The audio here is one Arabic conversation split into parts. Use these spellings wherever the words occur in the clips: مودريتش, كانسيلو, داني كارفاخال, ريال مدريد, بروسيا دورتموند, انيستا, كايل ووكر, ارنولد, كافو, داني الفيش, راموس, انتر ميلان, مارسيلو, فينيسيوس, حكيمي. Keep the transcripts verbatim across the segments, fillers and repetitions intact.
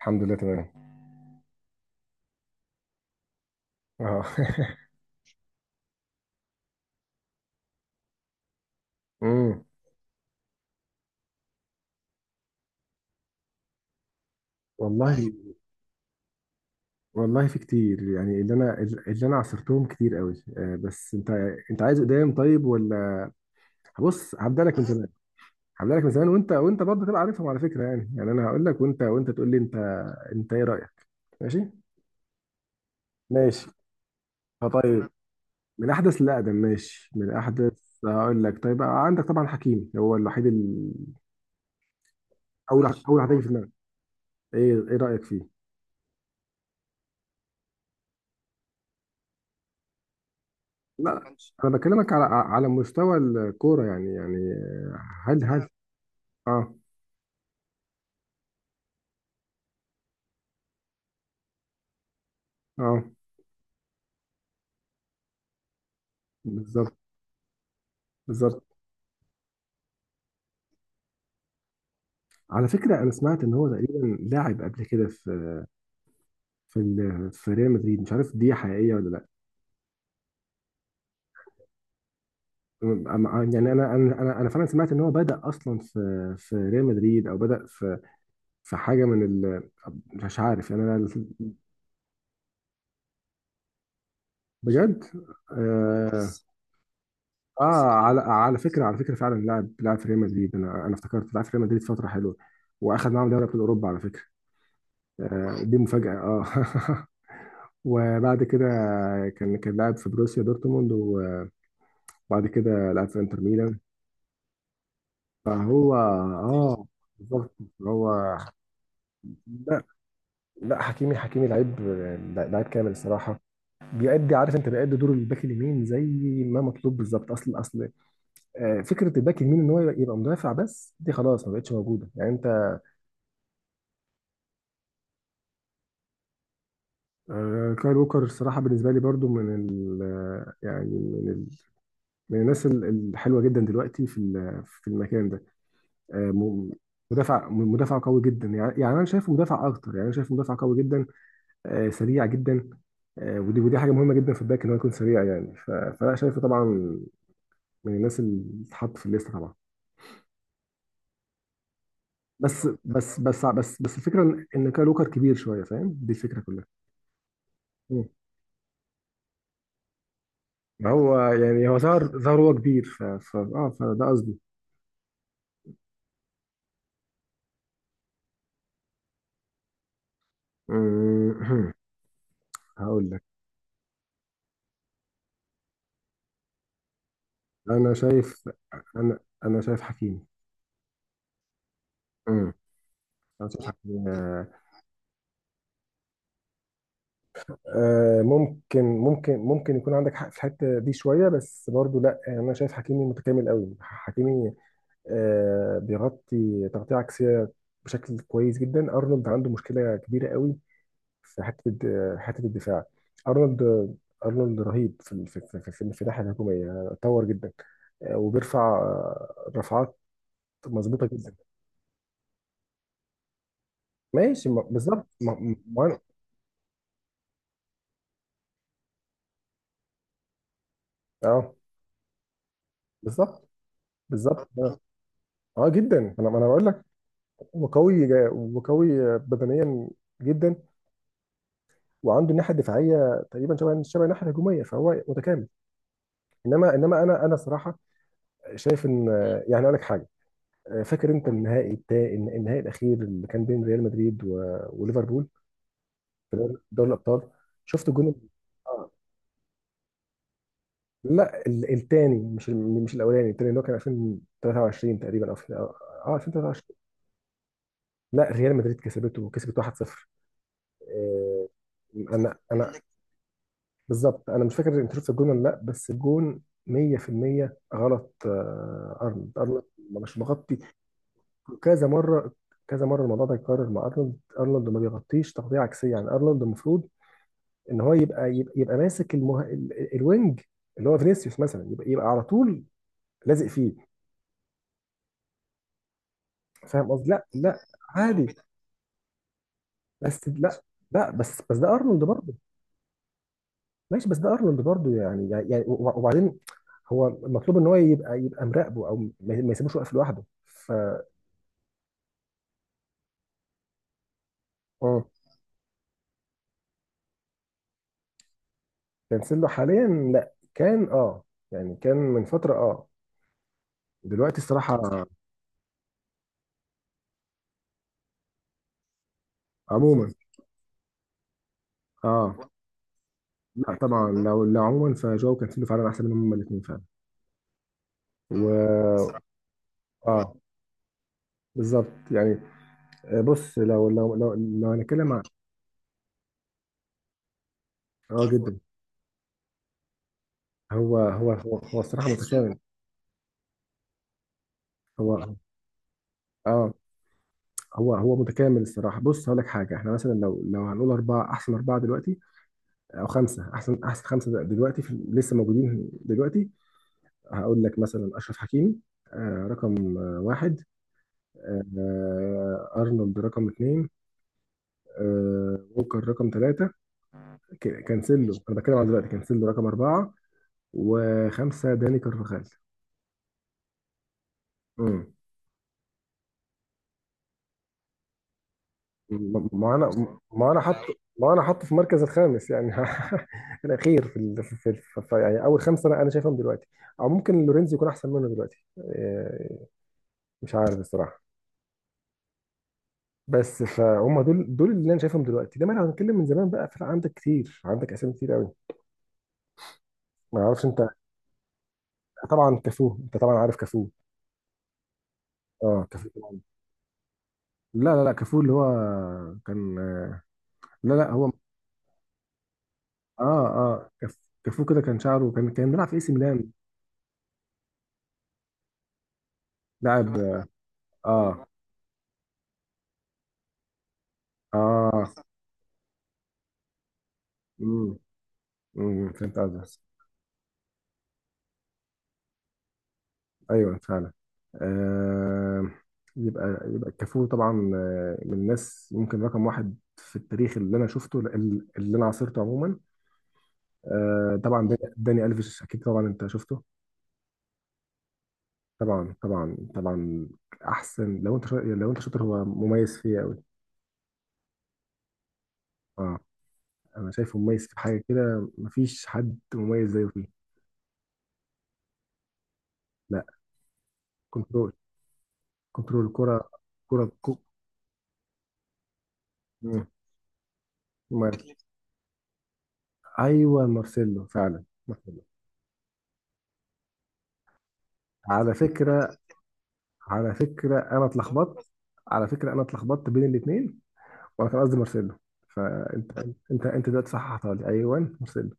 الحمد لله تمام. اه امم والله. والله في كتير يعني اللي انا اللي انا عصرتهم كتير قوي، آه، بس انت انت عايز قدام طيب ولا؟ بص، هبدا لك من زمان. هبدا لك من زمان وانت وانت برضه تبقى عارفهم على فكره. يعني يعني انا هقول لك وانت وانت تقول لي انت انت ايه رايك؟ ماشي. ماشي. فطيب، من احدث لاقدم ماشي، من احدث. هقول لك. طيب، عندك طبعا حكيم هو الوحيد ال... اول اول واحد هيجي في دماغك. ايه ايه رايك فيه؟ لا، انا بكلمك على على مستوى الكوره يعني يعني هل هل اه. اه، بالظبط. بالظبط. على فكره، انا سمعت ان هو تقريبا لاعب قبل كده في في ال- في ريال مدريد، مش عارف دي حقيقيه ولا لا. أما- يعني انا انا انا أنا فعلا سمعت ان هو بدا اصلا في في ريال مدريد او بدا في في حاجه من ال... مش عارف يعني انا. بجد. اه. آه. على على فكره على فكره فعلا لاعب لاعب في ريال مدريد، انا انا افتكرت لاعب في ريال مدريد فتره حلوه، واخد معاهم دوري ابطال اوروبا على فكره. آه، دي مفاجأة. اه. وبعد كده كان كان لاعب في بروسيا دورتموند، وبعد كده لعب في انتر ميلان. فهو اه، بالظبط. هو. لا. لا، حكيمي حكيمي لعيب، لعيب كامل الصراحة. بيأدي، عارف انت، بيأدي دور الباك اليمين زي ما مطلوب بالظبط. اصل اصل آه، فكرة الباك اليمين ان هو يبقى مدافع، بس دي خلاص ما بقتش موجودة يعني انت. آه، كايل ووكر الصراحة بالنسبة لي برضو من ال آه، يعني من الناس ال- الحلوه جدا دلوقتي في ال- في المكان ده. آه، م- مدافع م- مدافع قوي جدا يعني يعني انا شايفه مدافع اكتر يعني انا شايفه مدافع قوي جدا، آه، سريع جدا، آه، ودي ودي حاجه مهمه جدا في الباك ان هو يكون سريع يعني ف- فانا شايفه طبعا من الناس اللي تتحط في الليسته طبعا. بس بس بس بس بس الفكره ان إن كالوكر كبير شويه، فاهم، دي الفكره كلها. مم. هو يعني هو ظهر ظهر هو كبير ف ف- اه فده قصدي. مم. هقول لك. انا شايف. انا انا شايف حكيمي. امم لو تضحك. آه، آه، ممكن ممكن ممكن يكون عندك حق في الحته دي شويه، بس برضو لا، يعني انا شايف حكيمي متكامل قوي. حكيمي آه، بيغطي تغطيه عكسيه بشكل كويس جدا. ارنولد عنده مشكله كبيره قوي في حته الد- حته الدفاع. ارنولد ارنولد رهيب في ال- في في في, في الناحيه الهجوميه يعني اتطور جدا، آه، وبيرفع آه، رفعات مظبوطه جدا. ماشي، ما- بالظبط ما- ما-. اه بالظبط. بالظبط آه. اه جدا، انا انا بقول لك هو قوي جا- وقوي بدنيا جدا، وعنده الناحيه الدفاعيه تقريبا شبه شبه الناحيه الهجوميه، فهو متكامل. انما انما انا انا صراحه شايف ان يعني اقول لك حاجه. آه، فاكر انت النهائي بتاع. النهائي الاخير اللي كان بين ريال مدريد و- وليفربول. دوري الابطال. شفت الجون ال-. آه. لا ال- التاني مش ال- مش الاولاني، التاني اللي هو كان ألفين وثلاثة وعشرين تقريبا او في-. اه ألفين وثلاثة وعشرين. لا، ريال مدريد كسبته، وكسبت واحد صفر. آه، انا انا بالظبط انا مش فاكر انت شفت الجون ولا لا، بس الجون مية في المية غلط. آه، ارنولد ارنولد مش مغطي كذا مره. كذا مره الموضوع ده يتكرر مع ارنولد. ارنولد ما بيغطيش تغطيه عكسيه يعني. ارنولد المفروض ان هو يبقى يبقى, يبقى ماسك المه... ال- الوينج اللي هو فينيسيوس مثلا، يبقى يبقى على طول لازق فيه. فاهم قصدي. لا لا. عادي. بس لا. لا بس بس ده ارنولد برضه. ماشي، بس ده ارنولد برضو يعني يعني وب- وبعدين هو المطلوب ان هو يبقى يبقى مراقبه او ما ما يسيبوش واقف لوحده ف. مم. كانسيلو حاليا؟ لا، كان اه، يعني كان من فتره اه، دلوقتي الصراحه. عموما. اه. لا طبعا لو لو عموما فجو كانسيلو فعلا احسن منهم هما الاثنين فعلا. و اه، بالظبط يعني. آه، بص لو لو لو لو هنتكلم عن. اه جدا. هو هو هو هو الصراحه متشابه. هو اه، هو هو متكامل الصراحه. بص هقول لك حاجه. احنا مثلا لو لو هنقول اربعه احسن اربعه دلوقتي، او خمسه احسن احسن خمسه دلوقتي في لسه موجودين دلوقتي. هقول لك مثلا اشرف حكيمي آه رقم آه واحد. آه ارنولد رقم اثنين. آه ووكر رقم ثلاثه. كانسيلو، انا بتكلم عن دلوقتي، كانسيلو رقم اربعه. وخمسه داني كارفاخال. ما ما انا ما انا حط ما انا حاطه في المركز الخامس يعني. الاخير في ال... في... في... في... في يعني اول خمسه انا انا شايفهم دلوقتي. او ممكن لورينزو يكون احسن منه دلوقتي، إيه، مش عارف الصراحه. بس فهم دول دول اللي انا شايفهم دلوقتي. لما انا هنتكلم من زمان بقى، فرق، عندك كتير، عندك اسامي كتير قوي. ما اعرفش انت. طبعا كافو، انت طبعا عارف كافو. اه كافو طبعا. لا لا لا كافو اللي هو كان. لا لا هو. اه اه كاف- كافو كده كان شعره، كان كان بيلعب في اي سي ميلان. لاعب. اه. اه. امم امم فهمت قصدك. ايوه فعلا. آه يبقى يبقى الكافور طبعا، آه، من الناس ممكن رقم واحد في التاريخ اللي انا شفته، اللي اللي انا عاصرته عموما. آه طبعا داني داني الفيش اكيد طبعا انت شفته. طبعا طبعا طبعا. احسن لو انت شاطر، لو انت شاطر هو مميز فيه قوي. اه. انا شايفه مميز في حاجه كده مفيش حد مميز زيه فيه. لا. كنترول. كنترول كره. كره كو... مم. مم. ايوه مارسيلو فعلا مارسيلو. على فكرة على فكرة أنا اتلخبطت. على فكرة أنا اتلخبطت بين الاتنين، وأنا كان قصدي مارسيلو. فأنت أنت أنت دلوقتي صححتها لي، أيوه مارسيلو.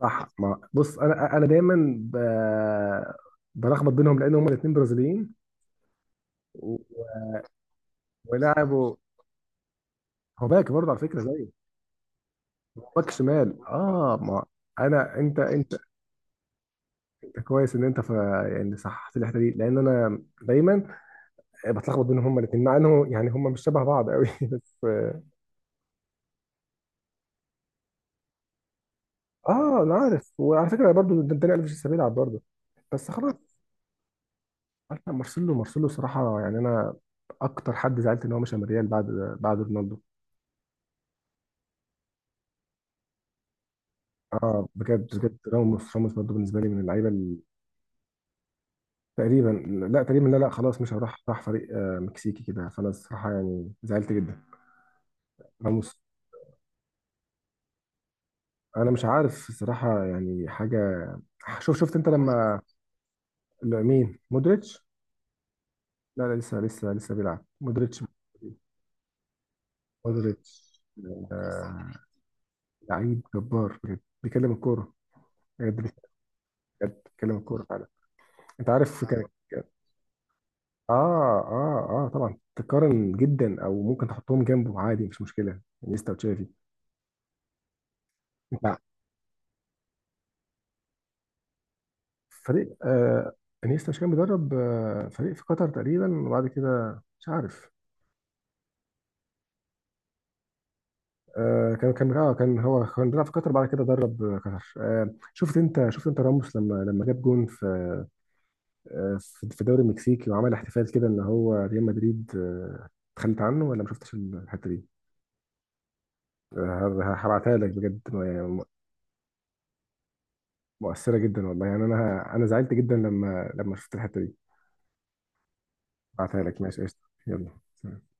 صح. ما بص، أنا أنا دايما ب... بلخبط بينهم، لأن هما الاتنين برازيليين. و... ولعبوا. هو باك برضه على فكرة زي. باك شمال أه ما، أنا أنت أنت أنت كويس إن أنت ف... يعني صححت لي الحتة دي، لأن أنا دايما بتلخبط بينهم هما الاتنين، مع إنه يعني هما مش شبه بعض قوي. بس. اه انا عارف، وعلى فكره برضو ده داني الفيش لسه بيلعب برضه. بس خلاص. عارف. لا، مارسيلو مارسيلو صراحه يعني انا اكتر حد زعلت ان هو مشى من الريال بعد بعد رونالدو. اه بجد. بجد راموس، راموس برضه بالنسبه لي من اللعيبه ال-. تقريبا. لا تقريبا، لا لا خلاص، مش هروح، راح فريق آه، مكسيكي كده، فانا الصراحه يعني زعلت جدا. راموس. انا مش عارف الصراحه يعني حاجه. شوف، شفت انت لما. لا، مين، مودريتش. لا لا لسه لسه لسه بيلعب مودريتش. مودريتش آه، لعيب جبار بجد، بيكلم الكوره بجد. بجد بيكلم الكوره فعلا. انت عارف. كان. اه اه اه طبعا تقارن جدا، او ممكن تحطهم جنبه عادي مش مشكله. انيستا وتشافي. انت. فريق آه. انيستا مش كان بيدرب آه فريق في قطر تقريبا، وبعد كده مش عارف. آه كان كان اه كان هو كان بيلعب في قطر، بعد كده درب آه، قطر. آه شفت انت، شفت انت راموس لما لما جاب جون في آه، في في الدوري المكسيكي، وعمل احتفال كده ان هو ريال مدريد آه، اتخلت عنه. ولا ما شفتش الحته دي؟ آه، ه- هبعتها لك بجد يعني م- مؤثره جدا والله، يعني انا انا زعلت جدا لما لما شفت الحته دي. هبعتها لك، ماشي قشطه، يلا سلام.